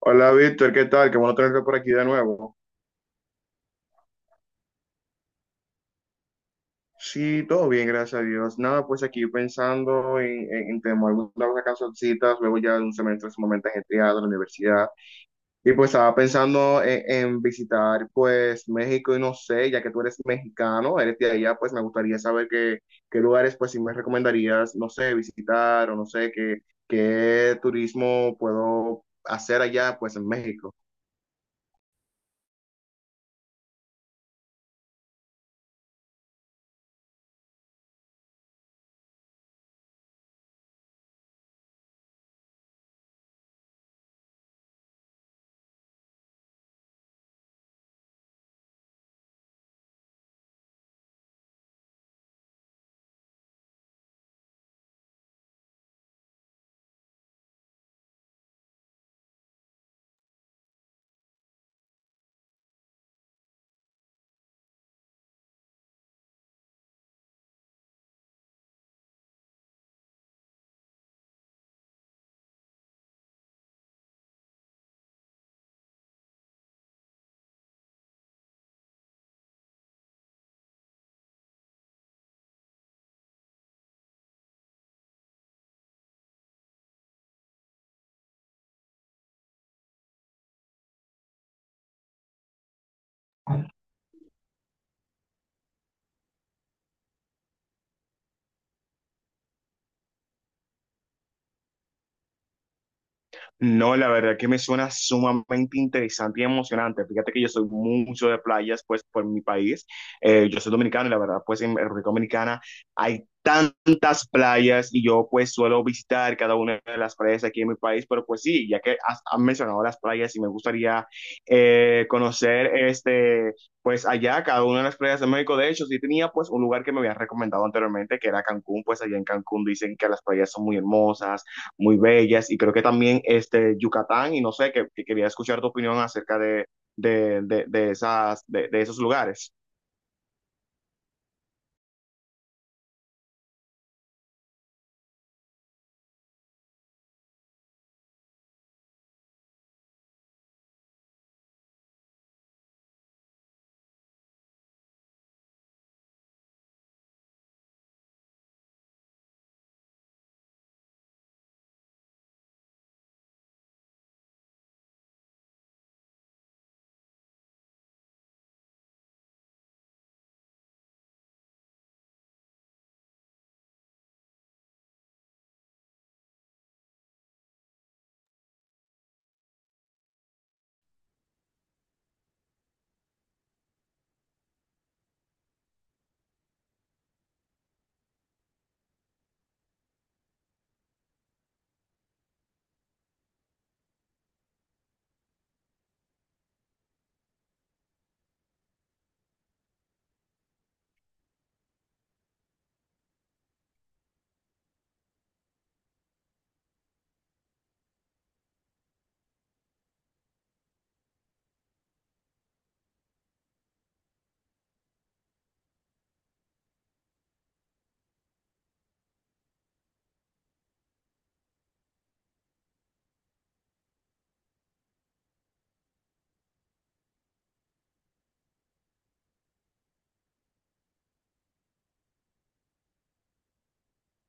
Hola Víctor, ¿qué tal? Qué bueno tenerte por aquí de nuevo. Sí, todo bien, gracias a Dios. Nada, pues aquí pensando en tener algunas canzoncitas, luego ya de un semestre sumamente ajetreado en la universidad. Y pues estaba pensando en visitar pues México y no sé, ya que tú eres mexicano, eres de allá, pues me gustaría saber qué lugares pues si me recomendarías, no sé, visitar o no sé, qué turismo puedo hacer allá pues en México. No, la verdad que me suena sumamente interesante y emocionante. Fíjate que yo soy mucho de playas, pues, por mi país. Yo soy dominicano y la verdad, pues, en República Dominicana hay tantas playas y yo, pues, suelo visitar cada una de las playas aquí en mi país. Pero, pues, sí, ya que has, han mencionado las playas y me gustaría conocer, este, pues, allá, cada una de las playas de México. De hecho, sí tenía, pues, un lugar que me habían recomendado anteriormente, que era Cancún. Pues, allá en Cancún dicen que las playas son muy hermosas, muy bellas, y creo que también este Yucatán y no sé, que quería escuchar tu opinión acerca de esos lugares.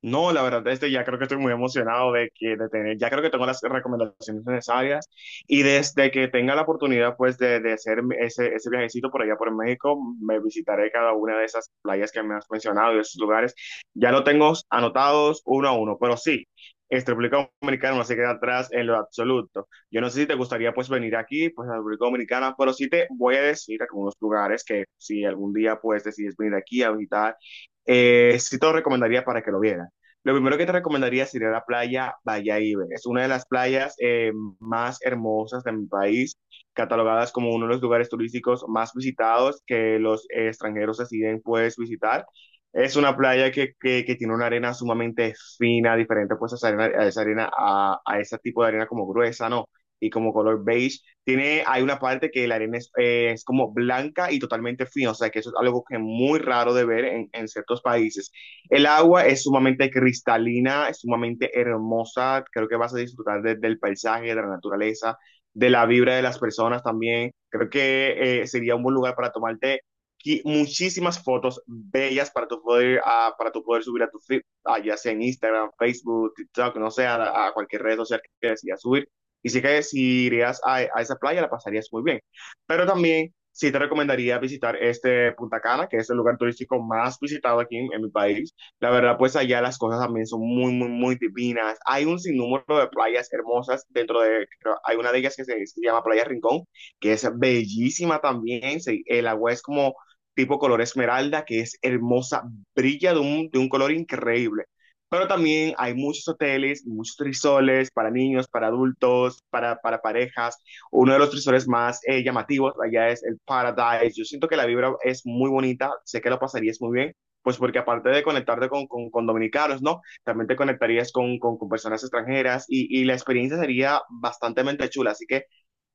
No, la verdad, este ya creo que estoy muy emocionado de que de tener, ya creo que tengo las recomendaciones necesarias y desde que tenga la oportunidad pues de hacer ese viajecito por allá por México, me visitaré cada una de esas playas que me has mencionado y esos lugares. Ya lo tengo anotados uno a uno, pero sí, este República Dominicana no se queda atrás en lo absoluto. Yo no sé si te gustaría pues venir aquí, pues a la República Dominicana, pero sí te voy a decir algunos lugares que si algún día pues decides venir aquí a visitar, sí te lo recomendaría para que lo vieras. Lo primero que te recomendaría sería la playa Bayahíbe. Es una de las playas más hermosas de mi país, catalogadas como uno de los lugares turísticos más visitados que los extranjeros deciden pues visitar. Es una playa que tiene una arena sumamente fina, diferente pues a esa arena, a esa arena, a ese tipo de arena como gruesa, ¿no? Y como color beige. Tiene, hay una parte que la arena es como blanca y totalmente fina, o sea que eso es algo que es muy raro de ver en ciertos países. El agua es sumamente cristalina, es sumamente hermosa. Creo que vas a disfrutar de- del paisaje, de la naturaleza, de la vibra de las personas también. Creo que sería un buen lugar para tomarte qui- muchísimas fotos bellas para tu poder, ah, para tu poder subir a tu feed, ah, ya sea en Instagram, Facebook, TikTok, no sé, a cualquier red social que decidas subir. Y sí que si irías a esa playa la pasarías muy bien. Pero también sí te recomendaría visitar este Punta Cana, que es el lugar turístico más visitado aquí en mi país. La verdad, pues allá las cosas también son muy, muy, muy divinas. Hay un sinnúmero de playas hermosas dentro de, creo- hay una de ellas que se llama Playa Rincón, que es bellísima también. Se- el agua es como tipo color esmeralda, que es hermosa, brilla de un color increíble. Pero también hay muchos hoteles, muchos trisoles para niños, para adultos, para parejas. Uno de los trisoles más llamativos allá es el Paradise. Yo siento que la vibra es muy bonita, sé que lo pasarías muy bien pues porque aparte de conectarte con dominicanos, ¿no? También te conectarías con personas extranjeras y, la experiencia sería bastante chula, así que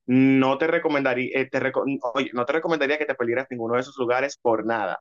no te recomendaría, te reco oye, no te recomendaría que te perdieras ninguno de esos lugares por nada.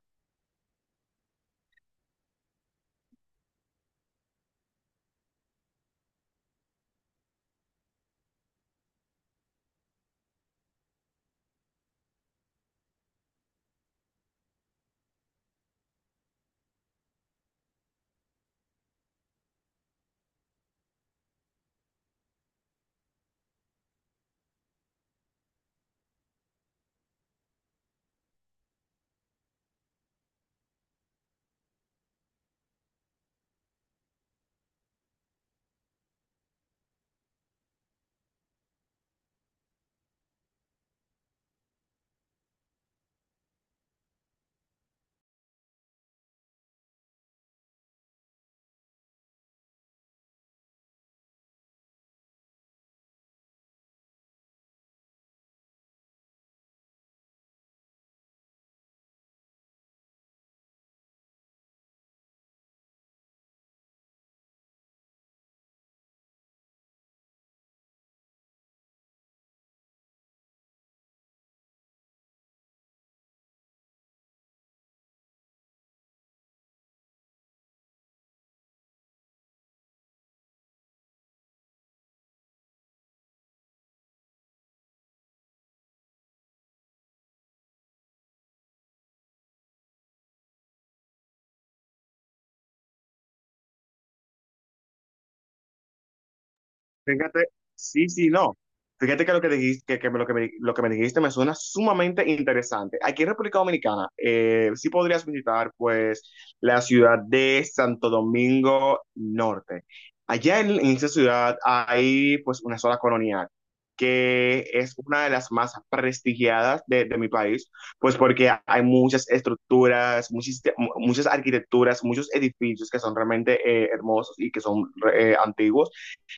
Fíjate, sí, sí, no. Fíjate que lo que dijiste, que lo que me dijiste me suena sumamente interesante. Aquí en República Dominicana, sí podrías visitar, pues, la ciudad de Santo Domingo Norte. Allá en esa ciudad hay, pues, una zona colonial, que es una de las más prestigiadas de mi país, pues, porque hay muchas estructuras, muchas, muchas arquitecturas, muchos edificios que son realmente hermosos y que son antiguos.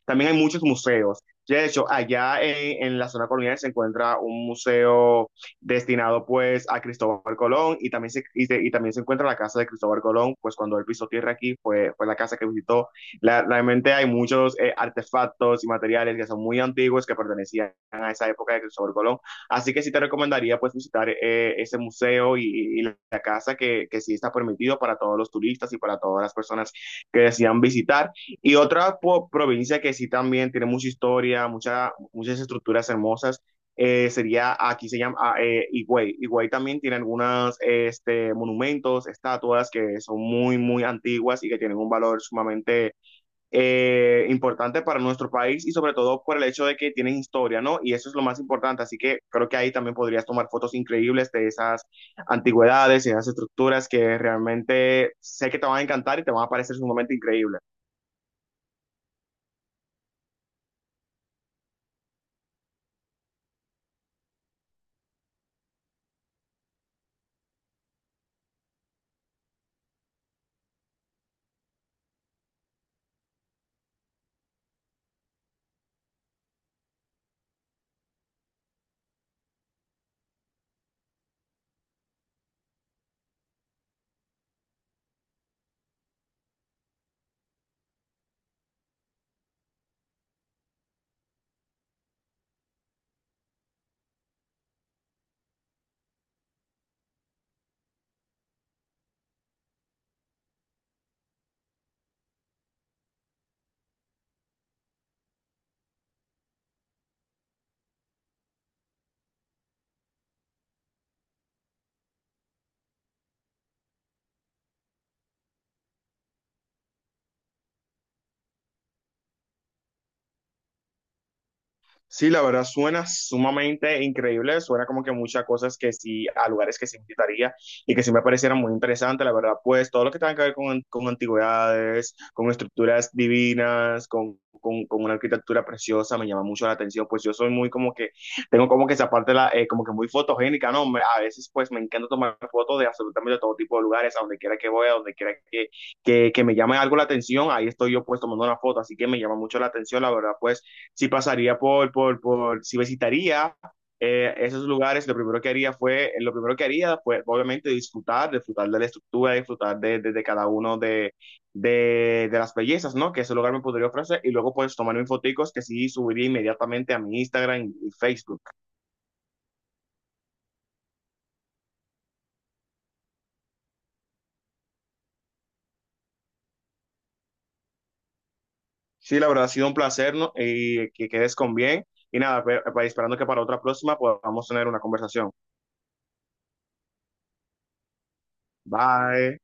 También hay muchos museos. De hecho, allá la zona colonial se encuentra un museo destinado pues a Cristóbal Colón y también se, y, se, y también se encuentra la casa de Cristóbal Colón, pues cuando él pisó tierra aquí fue, fue la casa que visitó. La, realmente hay muchos artefactos y materiales que son muy antiguos que pertenecían a esa época de Cristóbal Colón. Así que sí te recomendaría pues visitar ese museo la casa que sí está permitido para todos los turistas y para todas las personas que desean visitar. Y otra po- provincia que sí también tiene mucha historia, mucha, muchas estructuras hermosas, sería, aquí se llama Higüey. Higüey también tiene algunos este, monumentos, estatuas que son muy, muy antiguas y que tienen un valor sumamente importante para nuestro país y sobre todo por el hecho de que tienen historia, ¿no? Y eso es lo más importante. Así que creo que ahí también podrías tomar fotos increíbles de esas antigüedades y esas estructuras que realmente sé que te van a encantar y te van a parecer sumamente increíbles. Sí, la verdad suena sumamente increíble, suena como que muchas cosas que sí, a lugares que sí visitaría y que sí me parecieran muy interesantes, la verdad, pues todo lo que tenga que ver con antigüedades, con estructuras divinas, con una arquitectura preciosa, me llama mucho la atención, pues yo soy muy como que, tengo como que esa parte, la, como que muy fotogénica, ¿no? Me- a veces pues me encanta tomar fotos de absolutamente todo tipo de lugares, a donde quiera que voy, a donde quiera que me llame algo la atención, ahí estoy yo pues tomando una foto, así que me llama mucho la atención, la verdad, pues si pasaría por si visitaría esos lugares, lo primero que haría fue, lo primero que haría fue obviamente disfrutar, disfrutar de la estructura, disfrutar de cada uno las bellezas, ¿no? Que ese lugar me podría ofrecer y luego pues tomar mis foticos que sí subiría inmediatamente a mi Instagram y Facebook. Sí, la verdad ha sido un placer, ¿no? Y que quedes con bien. Y nada, pe- pe- esperando que para otra próxima podamos tener una conversación. Bye.